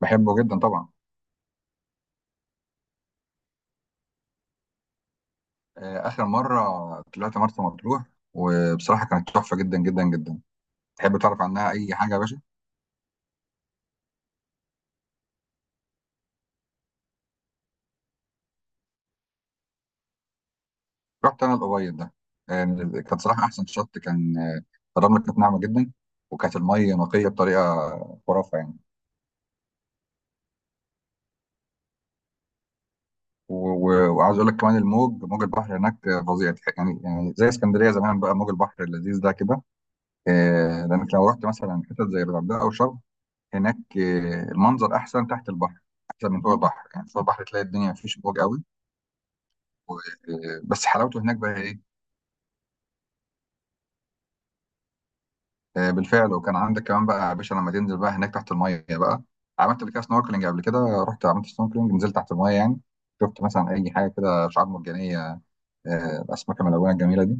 بحبه جدا طبعا. آخر مرة طلعت مرسى مطروح، وبصراحة كانت تحفة جدا جدا جدا. تحب تعرف عنها أي حاجة يا باشا؟ رحت أنا الأبيض ده. آه، كانت صراحة أحسن شط كان. الرملة كانت ناعمة جدا، وكانت المية نقية بطريقة خرافة يعني. وعاوز أقول لك كمان الموج، موج البحر هناك فظيع. يعني زي اسكندرية زمان بقى، موج البحر اللذيذ ده كده. لأنك لو رحت مثلا حتت زي الغردقة أو شرم هناك، المنظر أحسن تحت البحر، أحسن من فوق البحر. يعني فوق البحر تلاقي الدنيا مفيش موج قوي. آه، بس حلاوته هناك بقى ايه. بالفعل، وكان عندك كمان بقى يا باشا لما تنزل بقى هناك تحت الميه بقى، عملت قبل كده سنوركلينج قبل كده، رحت عملت سنوركلينج، نزلت تحت الميه يعني، شفت مثلا اي حاجه كده شعاب مرجانيه، الاسماك الملونه الجميله دي.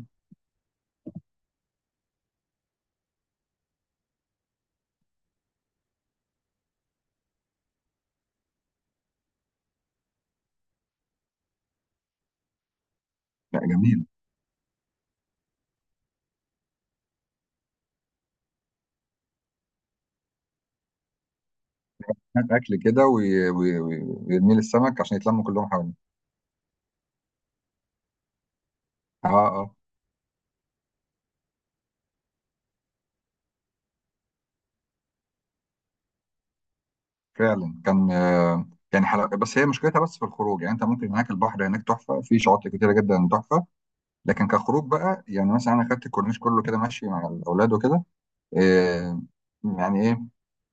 لا، جميل. هات اكل كده ويرمي لي السمك عشان يتلموا كلهم حواليه. اه اه. فعلا كان يعني حلو، بس هي مشكلتها بس في الخروج. يعني انت ممكن هناك البحر هناك تحفه، في شواطئ كتيره جدا تحفه، لكن كخروج بقى، يعني مثلا انا خدت الكورنيش كله كده ماشي مع الاولاد وكده. آه، يعني ايه؟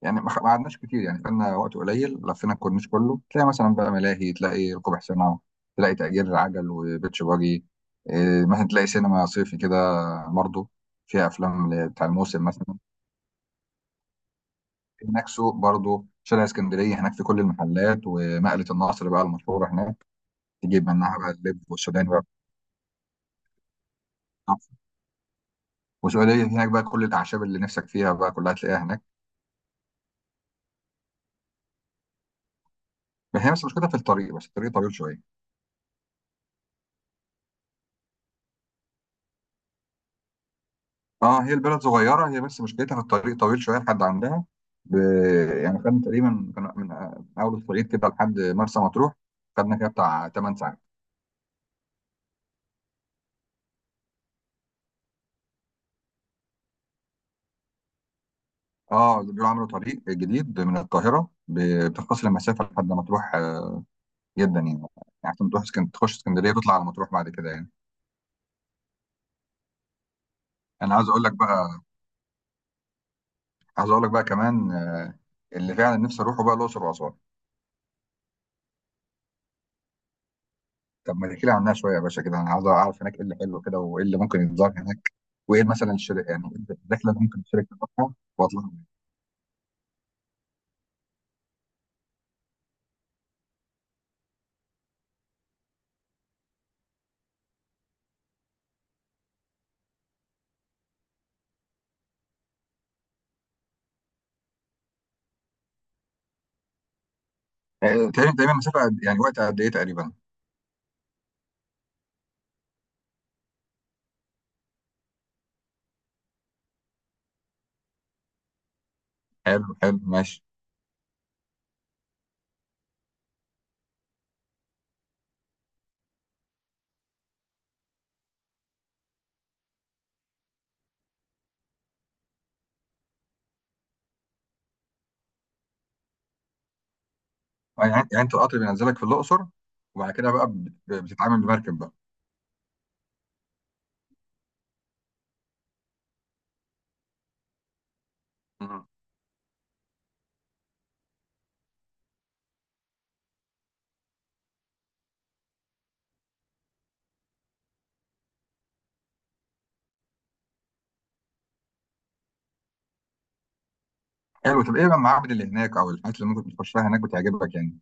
يعني ما قعدناش كتير يعني، خدنا وقت قليل لفينا الكورنيش كله، تلاقي مثلا بقى ملاهي، تلاقي ركوب حصانه، تلاقي تأجير عجل وبيتش باجي، مثلا تلاقي سينما صيفي كده برضه فيها افلام بتاع الموسم مثلا. هناك سوق برضه، شارع اسكندريه هناك في كل المحلات، ومقله النصر بقى المشهوره هناك، تجيب منها بقى اللب والسوداني بقى، والسعوديه هناك بقى كل الاعشاب اللي نفسك فيها بقى كلها تلاقيها هناك. بس هي بس مشكلتها في الطريق، بس الطريق طويل شويه. اه، هي البلد صغيره، هي بس مشكلتها في الطريق طويل شويه لحد عندها. ب... يعني خدنا تقريبا كان من اول الطريق كده لحد مرسى مطروح، خدنا كده بتاع 8 ساعات. اه، بيقولوا عملوا طريق جديد من القاهره بتختصر المسافه لحد مطروح جدا. يعني عشان تروح تخش اسكندريه وتطلع على مطروح بعد كده يعني. انا عايز اقول لك بقى، عايز اقول لك بقى كمان اللي فعلا نفسي اروحه بقى الاقصر واسوان. طب ما تحكي لي عنها شويه يا باشا كده، انا عاوز اعرف هناك ايه اللي حلو كده، وايه اللي ممكن يتزار هناك، وايه مثلا الشركه يعني، إيه الرحله اللي ممكن الشركه تطلعها واطلع منها؟ تقريبا مسافه يعني وقت قد ايه تقريبا؟ حلو حلو ماشي. يعني انت القطر بينزلك في الاقصر، وبعد كده بقى بتتعامل بمركب بقى. مم. حلو. طب ايه بقى المعابد اللي هناك او الحاجات اللي ممكن تخشها هناك بتعجبك يعني؟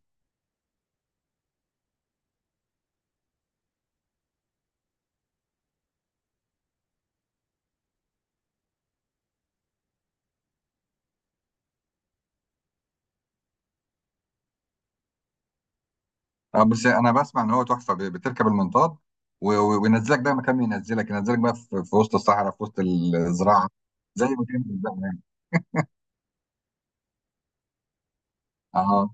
اه بس انا بسمع ان هو تحفه، بتركب المنطاد وينزلك بقى مكان ما ينزلك، ينزلك بقى في وسط الصحراء في وسط الزراعه. زي ما كان بالظبط يعني. اه.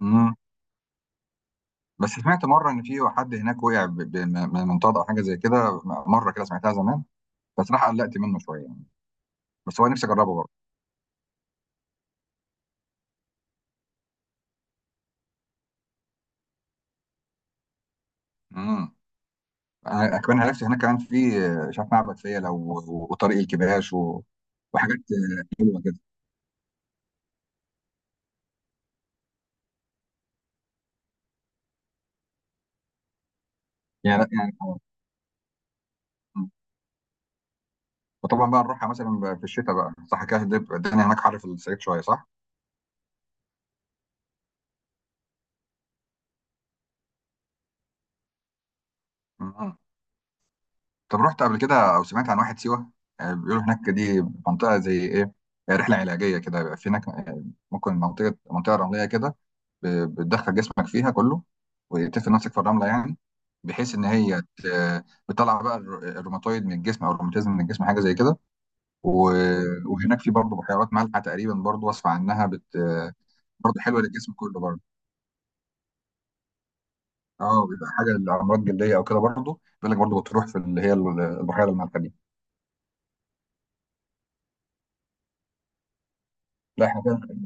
مم. بس سمعت مره ان في حد هناك وقع من منطاد او حاجه زي كده، مره كده سمعتها زمان، بس راح قلقت منه شويه يعني. بس هو نفسي اجربه برضه. امم. انا كمان عرفت هناك كمان في مش عارف معبد فيلة وطريق الكباش وحاجات حلوه كده. يعني لا يعني آه. مم. وطبعا بقى نروحها مثلا في الشتاء بقى صح كده، هتبقى الدنيا هناك حر في الصعيد شويه صح؟ مم. طب رحت قبل كده او سمعت عن واحد سيوه؟ بيقولوا هناك دي منطقه زي ايه، رحله علاجيه كده، بيبقى في هناك ممكن منطقه رمليه كده، ب- بتدخل جسمك فيها كله وتفرد نفسك في الرمله يعني، بحيث ان هي بتطلع بقى الروماتويد من الجسم او الروماتيزم من الجسم حاجه زي كده. و- وهناك في برضه بحيرات مالحه تقريبا برضه، وصفه عنها بت. برضه حلوه للجسم كله برضه. اه، بيبقى حاجه لامراض جلديه او كده برضه، بيقول لك برضه بتروح في اللي هي البحيره المالحه دي. لا احنا كده،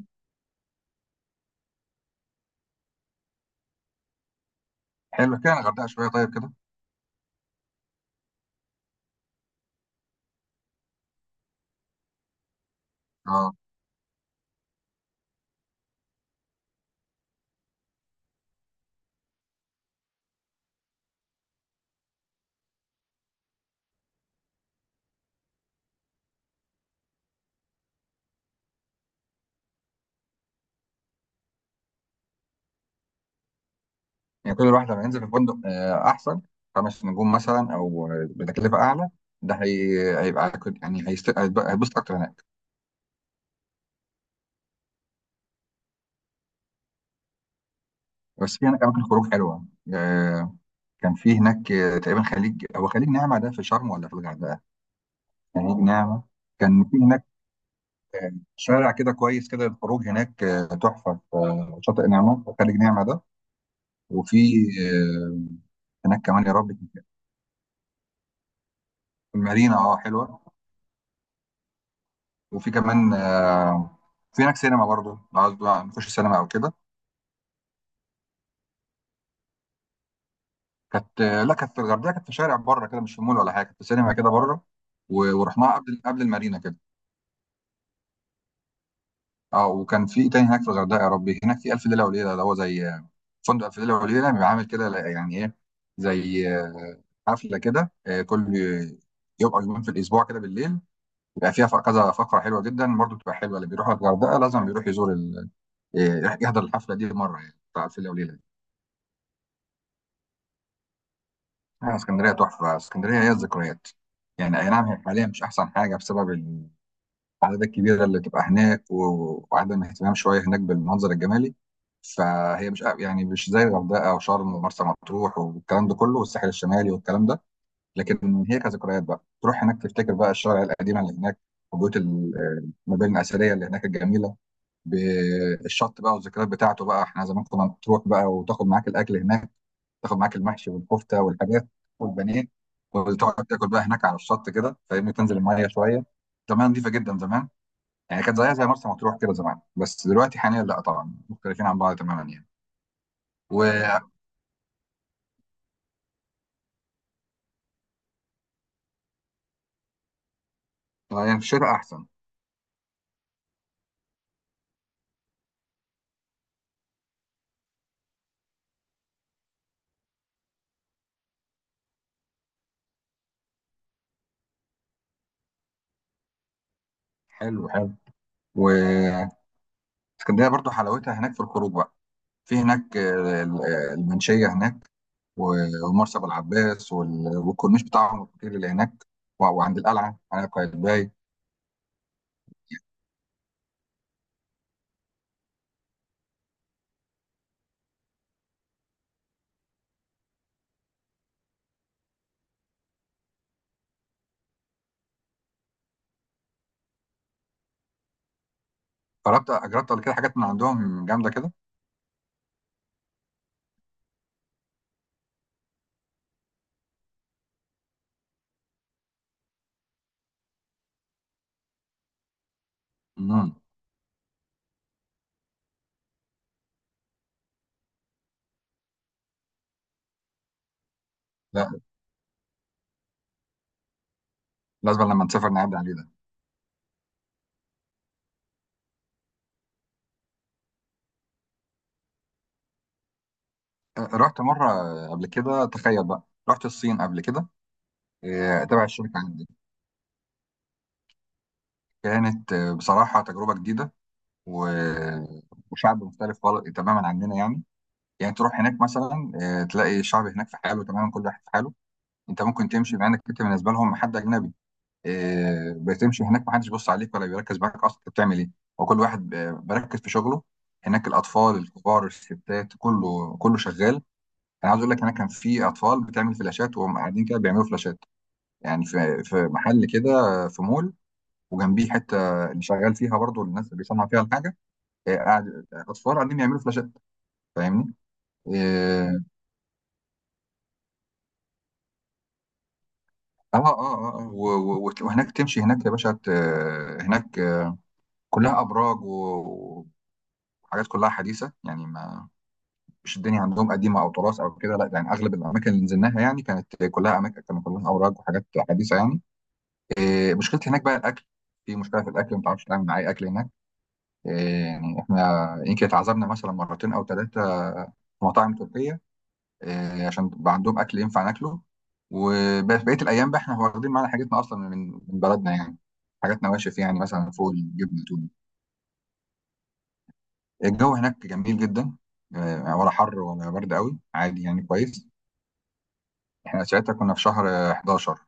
حلو كده الغردقه شويه طيب كده. اه. يعني كل واحد لما ينزل في فندق احسن، خمس نجوم مثلا، او بتكلفه اعلى، ده هيبقى يعني هيتبسط اكتر هناك. بس في هناك اماكن خروج حلوه. آه، كان في هناك تقريبا خليج، هو خليج نعمه ده في شرم ولا في الغردقه؟ خليج نعمه، كان في هناك شارع كده كويس كده، الخروج هناك تحفه في شاطئ نعمه، في خليج نعمه ده. وفي آه، هناك كمان يا رب المارينا، اه حلوه. وفي كمان في هناك سينما برضه لو عاوز بقى نخش سينما او كده. كانت، لا كانت في الغردقه، كانت في شارع بره كده، مش في مول ولا حاجه، كانت في سينما كده بره. ورحناها قبل، قبل المارينا كده. اه. وكان في ايه تاني هناك في الغردقه يا ربي؟ هناك في الف ليله وليله، اللي هو زي فندق الف ليله وليله بيبقى عامل كده، يعني ايه، زي حفله كده كل يوم او يومين في الاسبوع كده بالليل، بيبقى فيها كذا فقره حلوه جدا، برضو بتبقى حلوه، اللي بيروح الغردقه لازم بيروح يزور ال... يحضر الحفله دي مره يعني، بتاع الف ليله وليله دي. اسكندريه تحفه. اسكندريه هي الذكريات. يعني اي نعم، هي حاليا مش احسن حاجه بسبب العدد الكبيرة اللي تبقى هناك، وعدم اهتمام شوية هناك بالمنظر الجمالي، فهي مش يعني مش زي الغردقة وشرم ومرسى مطروح والكلام ده كله، والساحل الشمالي والكلام ده. لكن هي كذكريات بقى، تروح هناك تفتكر بقى الشوارع القديمة اللي هناك، وبيوت المباني الأثرية اللي هناك الجميلة، بالشط بقى والذكريات بتاعته بقى. احنا زمان كنا تروح بقى وتاخد معاك الأكل هناك، تاخد معاك المحشي والكفتة والحاجات والبانيه، وتقعد تاكل بقى هناك على الشط كده فاهمني، تنزل المية شوية. زمان نظيفة جدا زمان، يعني كانت زيها زي مرسى مطروح كده زمان، بس دلوقتي حاليا لا طبعا، مختلفين عن بعض تماما يعني. و يعني، في الشتاء احسن. حلو حلو. واسكندريه برضو حلاوتها هناك في الخروج بقى، في هناك المنشيه هناك و- ومرسى ابو العباس والكورنيش بتاعهم الكتير اللي هناك، وعند القلعه على قايتباي. جربت، جربت قبل كده حاجات من عندهم جامده كده. امم. لا، لازم لما نسافر نعدي عليه ده. رحت مره قبل كده تخيل بقى، رحت الصين قبل كده تبع الشركه عندي. كانت بصراحة تجربة جديدة، و... وشعب مختلف خالص تماما عننا يعني. يعني تروح هناك مثلا تلاقي الشعب هناك في حاله تماما، كل واحد في حاله، انت ممكن تمشي مع انك انت بالنسبة لهم حد أجنبي، بتمشي هناك محدش بيبص عليك ولا بيركز معاك أصلا انت بتعمل إيه، وكل واحد بركز في شغله. هناك الأطفال، الكبار، الستات، كله كله شغال. أنا عايز أقول لك هناك كان في أطفال بتعمل فلاشات، وهم قاعدين كده بيعملوا فلاشات، يعني في محل كده في مول، وجنبيه حته اللي شغال فيها برضو الناس اللي بيصنع فيها الحاجه، قاعد، اطفال قاعدين يعملوا فلاشات، فاهمني؟ اه اه اه, آه. وهناك تمشي هناك يا باشا هناك كلها ابراج وحاجات كلها حديثه يعني، ما مش الدنيا عندهم قديمه او تراث او كده لا، يعني اغلب الاماكن اللي نزلناها يعني كانت كلها اماكن، كانت كلها اوراق وحاجات حديثه يعني. مشكلتي هناك بقى الاكل، في مشكله في الاكل، ما تعرفش تعمل معايا اكل هناك. آه، يعني احنا يمكن اتعذبنا مثلا مرتين او ثلاثه في مطاعم تركيه، عشان بقى عندهم اكل ينفع ناكله، وبقيه الايام بقى احنا واخدين معانا حاجتنا اصلا من بلدنا يعني، حاجات نواشف يعني، مثلا فوق الجبنه تونه. الجو هناك جميل جدا، ولا حر ولا برد قوي، عادي يعني كويس. احنا ساعتها كنا في شهر 11،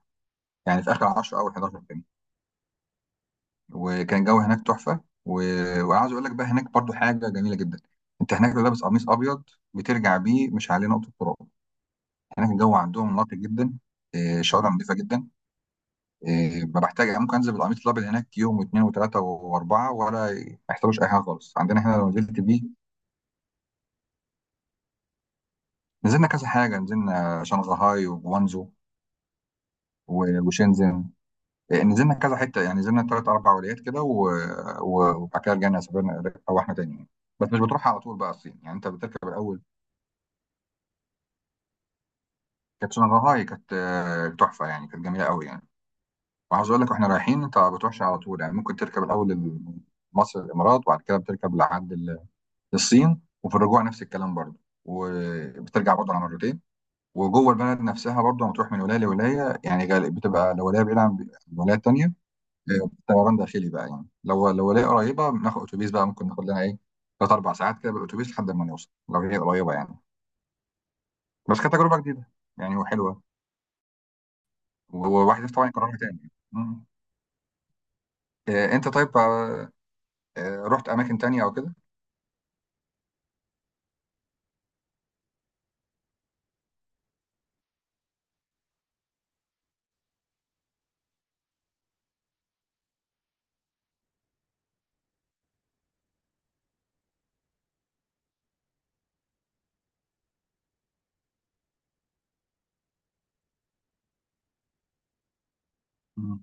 يعني في اخر 10 او 11 كده. وكان الجو هناك تحفه وعاوز اقول لك بقى هناك برضو حاجه جميله جدا. انت هناك لو لابس قميص ابيض بترجع بيه مش عليه نقطه تراب، هناك الجو عندهم نقي جدا، شوارع نظيفه جدا. إيه، بحتاج ممكن انزل بالقميص الابيض هناك يوم واثنين وثلاثه واربعه ولا ما يحتاجوش اي حاجه خالص، عندنا هنا لو نزلت بيه. نزلنا كذا حاجه، نزلنا شنغهاي وجوانزو وشنزن. إيه، نزلنا كذا حته يعني، نزلنا ثلاث اربع ولايات كده، وبعد كده رجعنا سافرنا او احنا تاني يعني. بس مش بتروح على طول بقى الصين، يعني انت بتركب الاول. كانت شنغهاي كانت تحفه يعني، كانت جميله قوي يعني. وعاوز اقول لك، واحنا رايحين انت ما بتروحش على طول يعني، ممكن تركب الاول مصر الامارات، وبعد كده بتركب لحد للصين، وفي الرجوع نفس الكلام برضه، وبترجع برضه على مرتين. وجوه البلد نفسها برضه لما تروح من ولايه لولايه يعني، بتبقى لو ولايه بعيده عن الولايه التانيه، طيران داخلي بقى يعني، لو ولايه قريبه بناخد اتوبيس بقى، ممكن ناخد لنا ايه ثلاث اربع ساعات كده بالاتوبيس لحد ما نوصل لو هي قريبه يعني. بس كانت تجربه جديده يعني وحلوه، وواحد نفسه طبعا يكررها تاني يعني. مم. انت طيب رحت اماكن تانيه او كده؟ مم.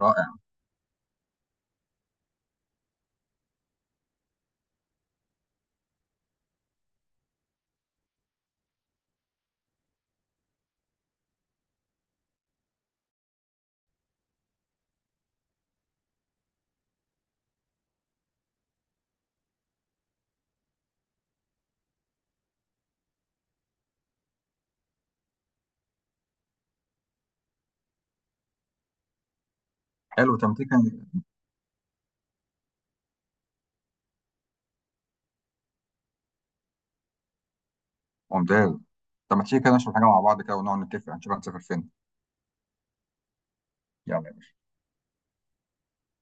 رائع. حلو طب ما تيجي كان. ممتاز. طب ما تيجي كده نشرب حاجه مع بعض كده، ونقعد نتفق هنشوف هنسافر فين. يلا.